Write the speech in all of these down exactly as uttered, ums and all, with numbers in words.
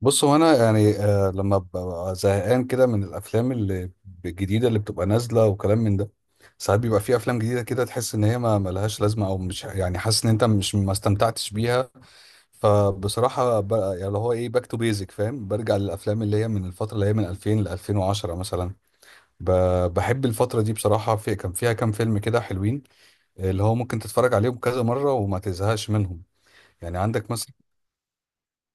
بص هو انا يعني آه لما ببقى زهقان كده من الافلام اللي الجديده اللي بتبقى نازله وكلام من ده. ساعات بيبقى في افلام جديده كده، تحس ان هي ما ملهاش لازمه او مش يعني حاسس ان انت مش ما استمتعتش بيها. فبصراحه ب- يعني اللي هو ايه باك تو بيزك، فاهم؟ برجع للافلام اللي هي من الفتره اللي هي من ألفين ل ألفين وعشرة مثلا. ب- بحب الفتره دي بصراحه، في كان فيها كام فيلم كده حلوين اللي هو ممكن تتفرج عليهم كذا مره وما تزهقش منهم. يعني عندك مثلا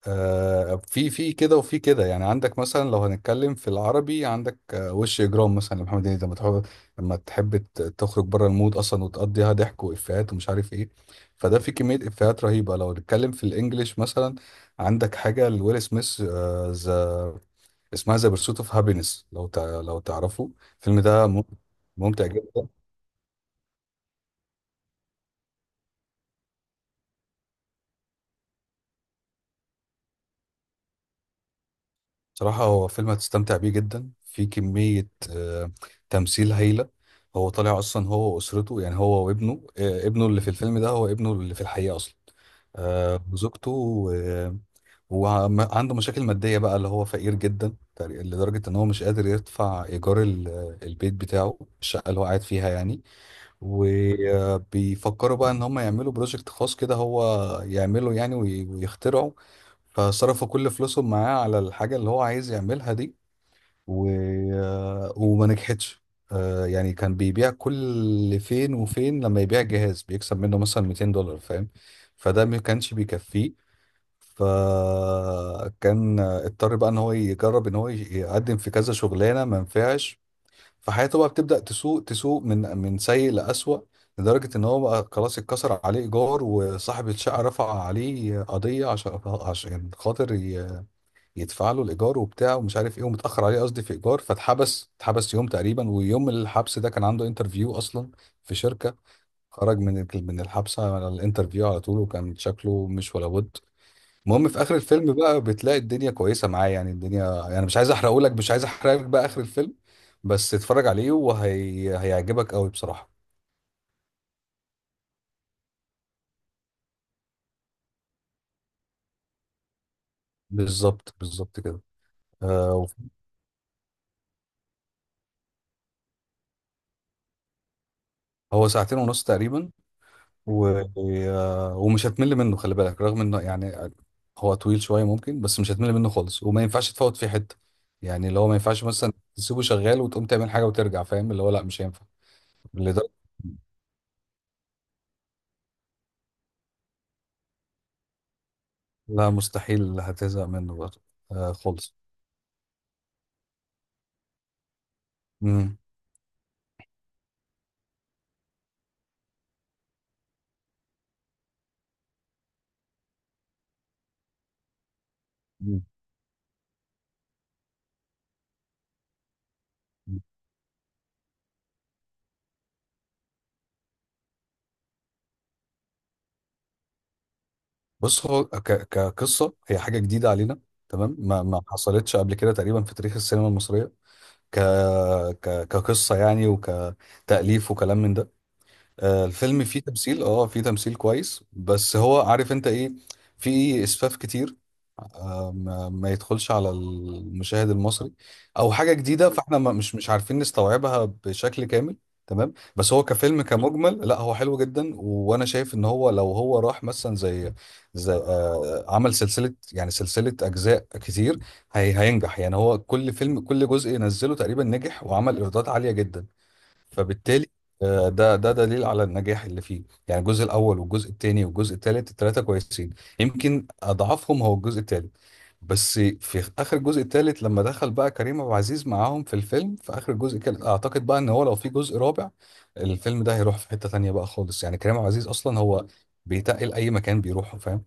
آه، في في كده وفي كده. يعني عندك مثلا لو هنتكلم في العربي، عندك آه، وش اجرام مثلا لمحمد هنيدي، لما تحب لما تحب ت- تخرج بره المود اصلا وتقضيها ضحك وافيهات ومش عارف ايه. فده في كميه افيهات رهيبه. لو نتكلم في الانجليش مثلا، عندك حاجه لويل سميث، آه، ذا اسمها ذا بيرسوت اوف هابينس، لو تع- لو تعرفه. الفيلم ده مم- ممتع جدا. صراحة هو فيلم هتستمتع بيه جدا، في كمية آه، تمثيل هايلة. هو طالع أصلا هو وأسرته، يعني هو وابنه، آه، ابنه اللي في الفيلم ده هو ابنه اللي في الحقيقة أصلا. آه، وزوجته آه، وعنده مشاكل مادية بقى، اللي هو فقير جدا تقري- لدرجة إن هو مش قادر يدفع إيجار ال- البيت بتاعه، الشقة اللي هو قاعد فيها يعني. وبيفكروا بقى ان هم يعملوا بروجكت خاص كده، هو يعمله يعني وي- ويخترعه. فصرفوا كل فلوسهم معاه على الحاجة اللي هو عايز يعملها دي، و... وما نجحتش. آه، يعني كان بيبيع، كل فين وفين لما يبيع جهاز بيكسب منه مثلا مئتين دولار، فاهم؟ فده ما كانش بيكفيه. فكان اضطر بقى ان هو يجرب ان هو يقدم في كذا شغلانه، ما نفعش. فحياته بقى بتبدأ تسوء تسوء، من من سيء لأسوأ. لدرجة إن هو بقى خلاص اتكسر عليه إيجار، وصاحب الشقة رفع عليه قضية عشان عشان خاطر ي- يدفع له الإيجار وبتاع ومش عارف إيه، ومتأخر عليه، قصدي في إيجار، فاتحبس، اتحبس يوم تقريبا، ويوم الحبس ده كان عنده انترفيو أصلا في شركة. خرج من ال- من الحبسة على الانترفيو على طول، وكان شكله مش ولا بد. المهم في اخر الفيلم بقى بتلاقي الدنيا كويسه معاه، يعني الدنيا يعني، مش عايز احرقه لك، مش عايز احرق لك بقى اخر الفيلم، بس اتفرج عليه وهي هيعجبك قوي بصراحه. بالظبط بالظبط كده. آه. هو ساعتين ونص تقريبا. و... آه، ومش هتمل منه، خلي بالك، رغم انه يعني هو طويل شويه ممكن، بس مش هتمل منه خالص، وما ينفعش تفوت فيه حته. يعني اللي هو ما ينفعش مثلا تسيبه شغال وتقوم تعمل حاجه وترجع، فاهم؟ اللي هو لا، مش هينفع لدرجه. لا، مستحيل هتزهق منه برضه. آه خالص. مم. بص هو ك... كقصه هي حاجه جديده علينا، تمام. ما ما حصلتش قبل كده تقريبا في تاريخ السينما المصريه. ك... ك... كقصه يعني، وكتاليف وكلام من ده. آه الفيلم فيه تمثيل، اه فيه تمثيل كويس، بس هو عارف انت ايه؟ في اسفاف كتير، ما, ما يدخلش على المشاهد المصري. او حاجه جديده، فاحنا ما- مش مش عارفين نستوعبها بشكل كامل، تمام. بس هو كفيلم كمجمل لا، هو حلو جدا، وانا شايف ان هو لو هو راح مثلا زي زي آه عمل سلسله، يعني سلسله اجزاء كتير، هي هينجح. يعني هو كل فيلم كل جزء ينزله تقريبا نجح وعمل ايرادات عاليه جدا. فبالتالي آه، ده ده دليل على النجاح اللي فيه. يعني الجزء الاول والجزء الثاني والجزء الثالث الثلاثه كويسين، يمكن اضعفهم هو الجزء الثالث. بس في اخر الجزء الثالث لما دخل بقى كريم عبد العزيز معاهم في الفيلم، في اخر الجزء، كان اعتقد بقى ان هو لو في جزء رابع، الفيلم ده هيروح في حته تانيه بقى خالص، يعني كريم عبد العزيز اصلا هو بيتقل اي مكان بيروحه، فاهم؟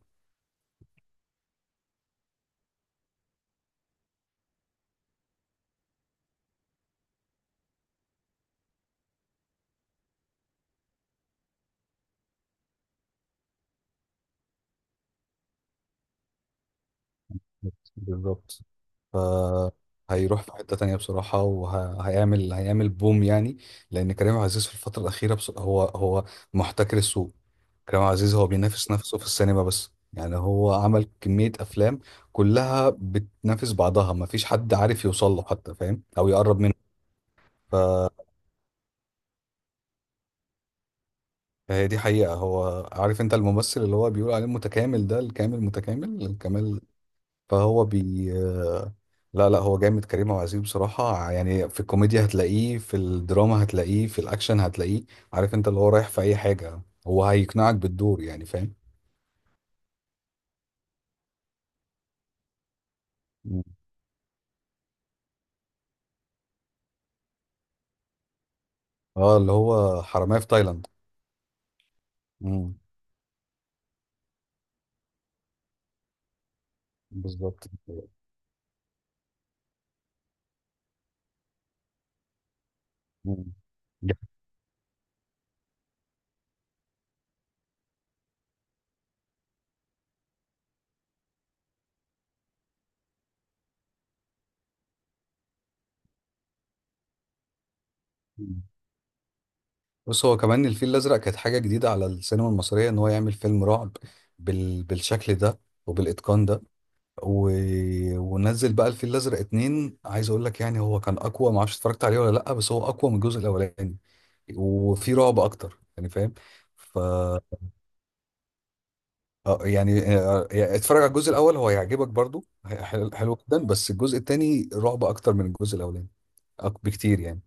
بالظبط. فهيروح في حتة تانية بصراحة، وهيعمل هيعمل بوم يعني. لأن كريم عبد العزيز في الفترة الأخيرة بص... هو هو محتكر السوق. كريم عبد العزيز هو بينافس نفسه في السينما، بس يعني هو عمل كمية أفلام كلها بتنافس بعضها، مفيش حد عارف يوصل له حتى، فاهم؟ أو يقرب منه. ف- فهي دي حقيقة. هو عارف أنت الممثل اللي هو بيقول عليه متكامل، ده الكامل متكامل الكمال. فهو بي لا لا، هو جامد كريم عبد العزيز بصراحة يعني، في الكوميديا هتلاقيه، في الدراما هتلاقيه، في الأكشن هتلاقيه. عارف أنت اللي هو رايح في أي حاجة، هو هيقنعك بالدور يعني، فاهم؟ مم. اه اللي هو حرامية في تايلاند. مم. بالظبط. مم. دي حقيقة. بص هو كمان الفيل الأزرق كانت حاجة جديدة على السينما المصرية، إن هو يعمل فيلم رعب بال... بالشكل ده وبالإتقان ده. و... ونزل بقى الفيل الازرق اتنين، عايز اقول لك يعني هو كان اقوى، ما اعرفش اتفرجت عليه ولا لا، بس هو اقوى من الجزء الاولاني وفي رعب اكتر، يعني فاهم؟ ف آه، يعني آه، يعني اتفرج على الجزء الاول، هو هيعجبك برضو، هي- حلو حلو جدا، بس الجزء التاني رعب اكتر من الجزء الاولاني أك- بكتير يعني.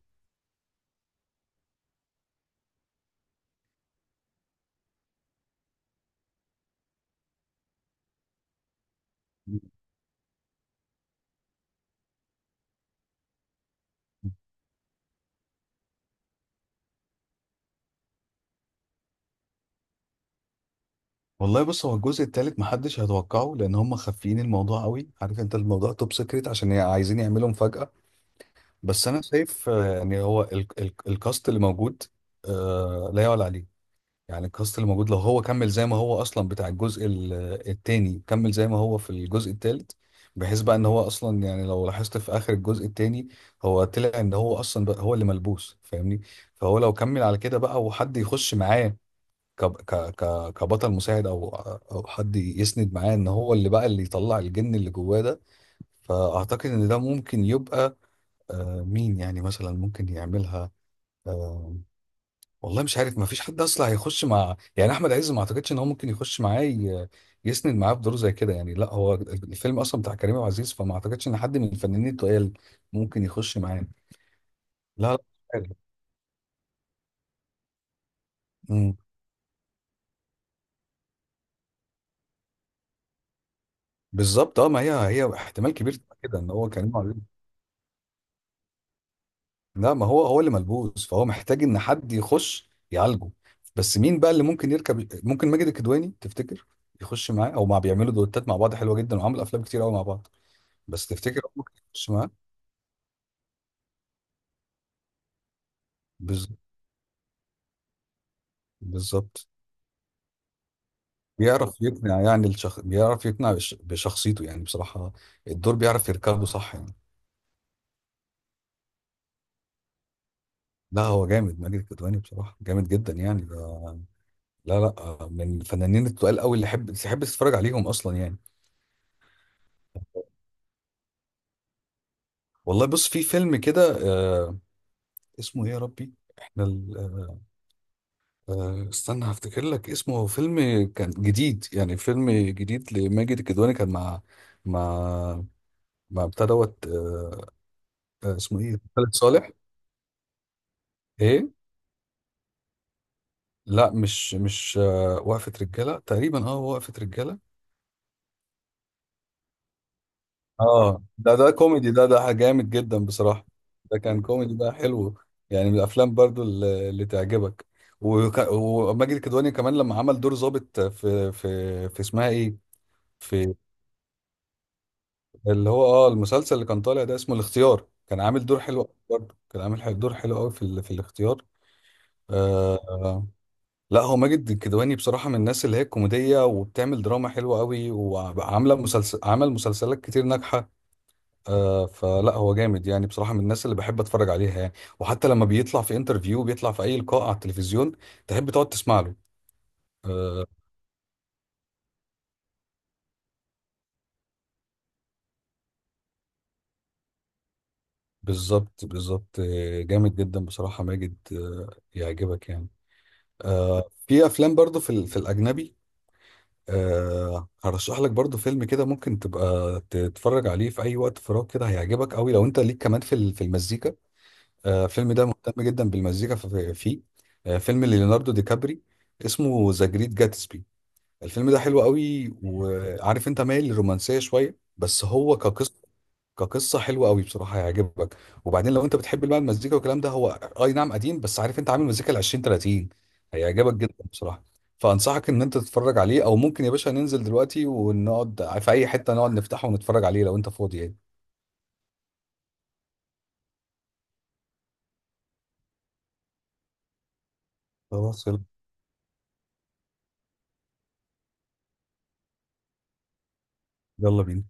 والله بص هو الجزء التالت محدش هيتوقعه، لان هم خافيين الموضوع قوي، عارف انت الموضوع توب سيكريت، عشان عايزين يعملوا مفاجأة. بس انا شايف آه، يعني هو ال- ال- الكاست اللي موجود آه، لا يعلى عليه. يعني الكاست اللي موجود لو هو كمل زي ما هو اصلا بتاع الجزء ال- التاني، كمل زي ما هو في الجزء التالت، بحيث بقى ان هو اصلا يعني لو لاحظت في اخر الجزء التاني، هو طلع ان هو اصلا بقى هو اللي ملبوس، فاهمني؟ فهو لو كمل على كده بقى وحد يخش معاه ك ك ك كبطل مساعد، او او حد يسند معاه ان هو اللي بقى اللي يطلع الجن اللي جواه ده. فاعتقد ان ده ممكن يبقى، آه، مين يعني مثلا ممكن يعملها. آه، والله مش عارف، ما فيش حد اصلا هيخش مع يعني احمد عز، ما اعتقدش ان هو ممكن يخش معاه ي- يسند معاه في دور زي كده يعني. لا، هو الفيلم اصلا بتاع كريم عبد العزيز، فما اعتقدش ان حد من الفنانين التقال ممكن يخش معاه. لا لا، مش عارف. مم. بالظبط. اه ما هي هي احتمال كبير تبقى كده، ان هو كريم عبد العزيز. لا ما هو هو اللي ملبوس، فهو محتاج ان حد يخش يعالجه. بس مين بقى اللي ممكن يركب؟ ممكن ماجد الكدواني تفتكر يخش معاه، او ما بيعملوا دوتات مع بعض حلوه جدا وعملوا افلام كتير قوي مع بعض. بس تفتكر هو ممكن يخش معاه؟ بز- بالظبط. بيعرف يقنع يعني الشخ... بيعرف يقنع بش... بشخصيته يعني، بصراحة الدور بيعرف يركبه صح يعني. لا هو جامد ماجد الكدواني بصراحة، جامد جدا يعني ده... لا لا، من الفنانين التقال قوي اللي حب تحب تتفرج عليهم اصلا يعني. والله بص في فيلم كده، آه... اسمه ايه يا ربي، احنا ال... آه... آه، استنى هفتكر لك اسمه. هو فيلم كان جديد، يعني فيلم جديد لماجد الكدواني، كان مع مع مع بتاع دوت، آه، آه، اسمه ايه، خالد صالح، ايه. لا مش مش آه، وقفة رجالة تقريبا، اه وقفة رجالة. اه ده ده كوميدي، ده ده جامد جدا بصراحة، ده كان كوميدي بقى حلو. يعني من الافلام برضو اللي, اللي تعجبك. وك- وماجد الكدواني كمان لما عمل دور ضابط في في في اسمها ايه، في اللي هو اه المسلسل اللي كان طالع ده اسمه الاختيار، كان عامل دور حلو أوي برضو، كان عامل حل- دور حلو قوي في ال- في الاختيار. آه. لا هو ماجد الكدواني بصراحة من الناس اللي هي كوميدية وبتعمل دراما حلوة قوي، وعاملة مسلسل، عمل مسلسلات كتير ناجحة. آه فلا هو جامد يعني بصراحة من الناس اللي بحب اتفرج عليها يعني. وحتى لما بيطلع في انترفيو، بيطلع في اي لقاء على التلفزيون، تحب تقعد تسمع له. آه بالظبط بالظبط. آه، جامد جدا بصراحة، ماجد آه يعجبك يعني. آه في افلام برضو في ال- في الاجنبي. أه هرشح لك برضو فيلم كده، ممكن تبقى تتفرج عليه في اي وقت فراغ كده، هيعجبك قوي لو انت ليك كمان في ال- في المزيكا. أه الفيلم ده مهتم جدا بالمزيكا ف- فيه. أه فيلم ليوناردو دي كابري، اسمه ذا جريت جاتسبي. الفيلم ده حلو قوي، وعارف انت مايل للرومانسية شوية، بس هو كقصة كقصه حلوه قوي بصراحه، هيعجبك. وبعدين لو انت بتحب بقى المزيكا والكلام ده، هو آه، اي نعم قديم، بس عارف انت عامل مزيكا ال العشرينات تلاتين، هيعجبك جدا بصراحه. فانصحك ان انت تتفرج عليه، او ممكن يا باشا ننزل دلوقتي ونقعد في اي حته، نقعد نفتحه ونتفرج عليه لو انت فاضي يعني. خلاص يلا. يلا بينا.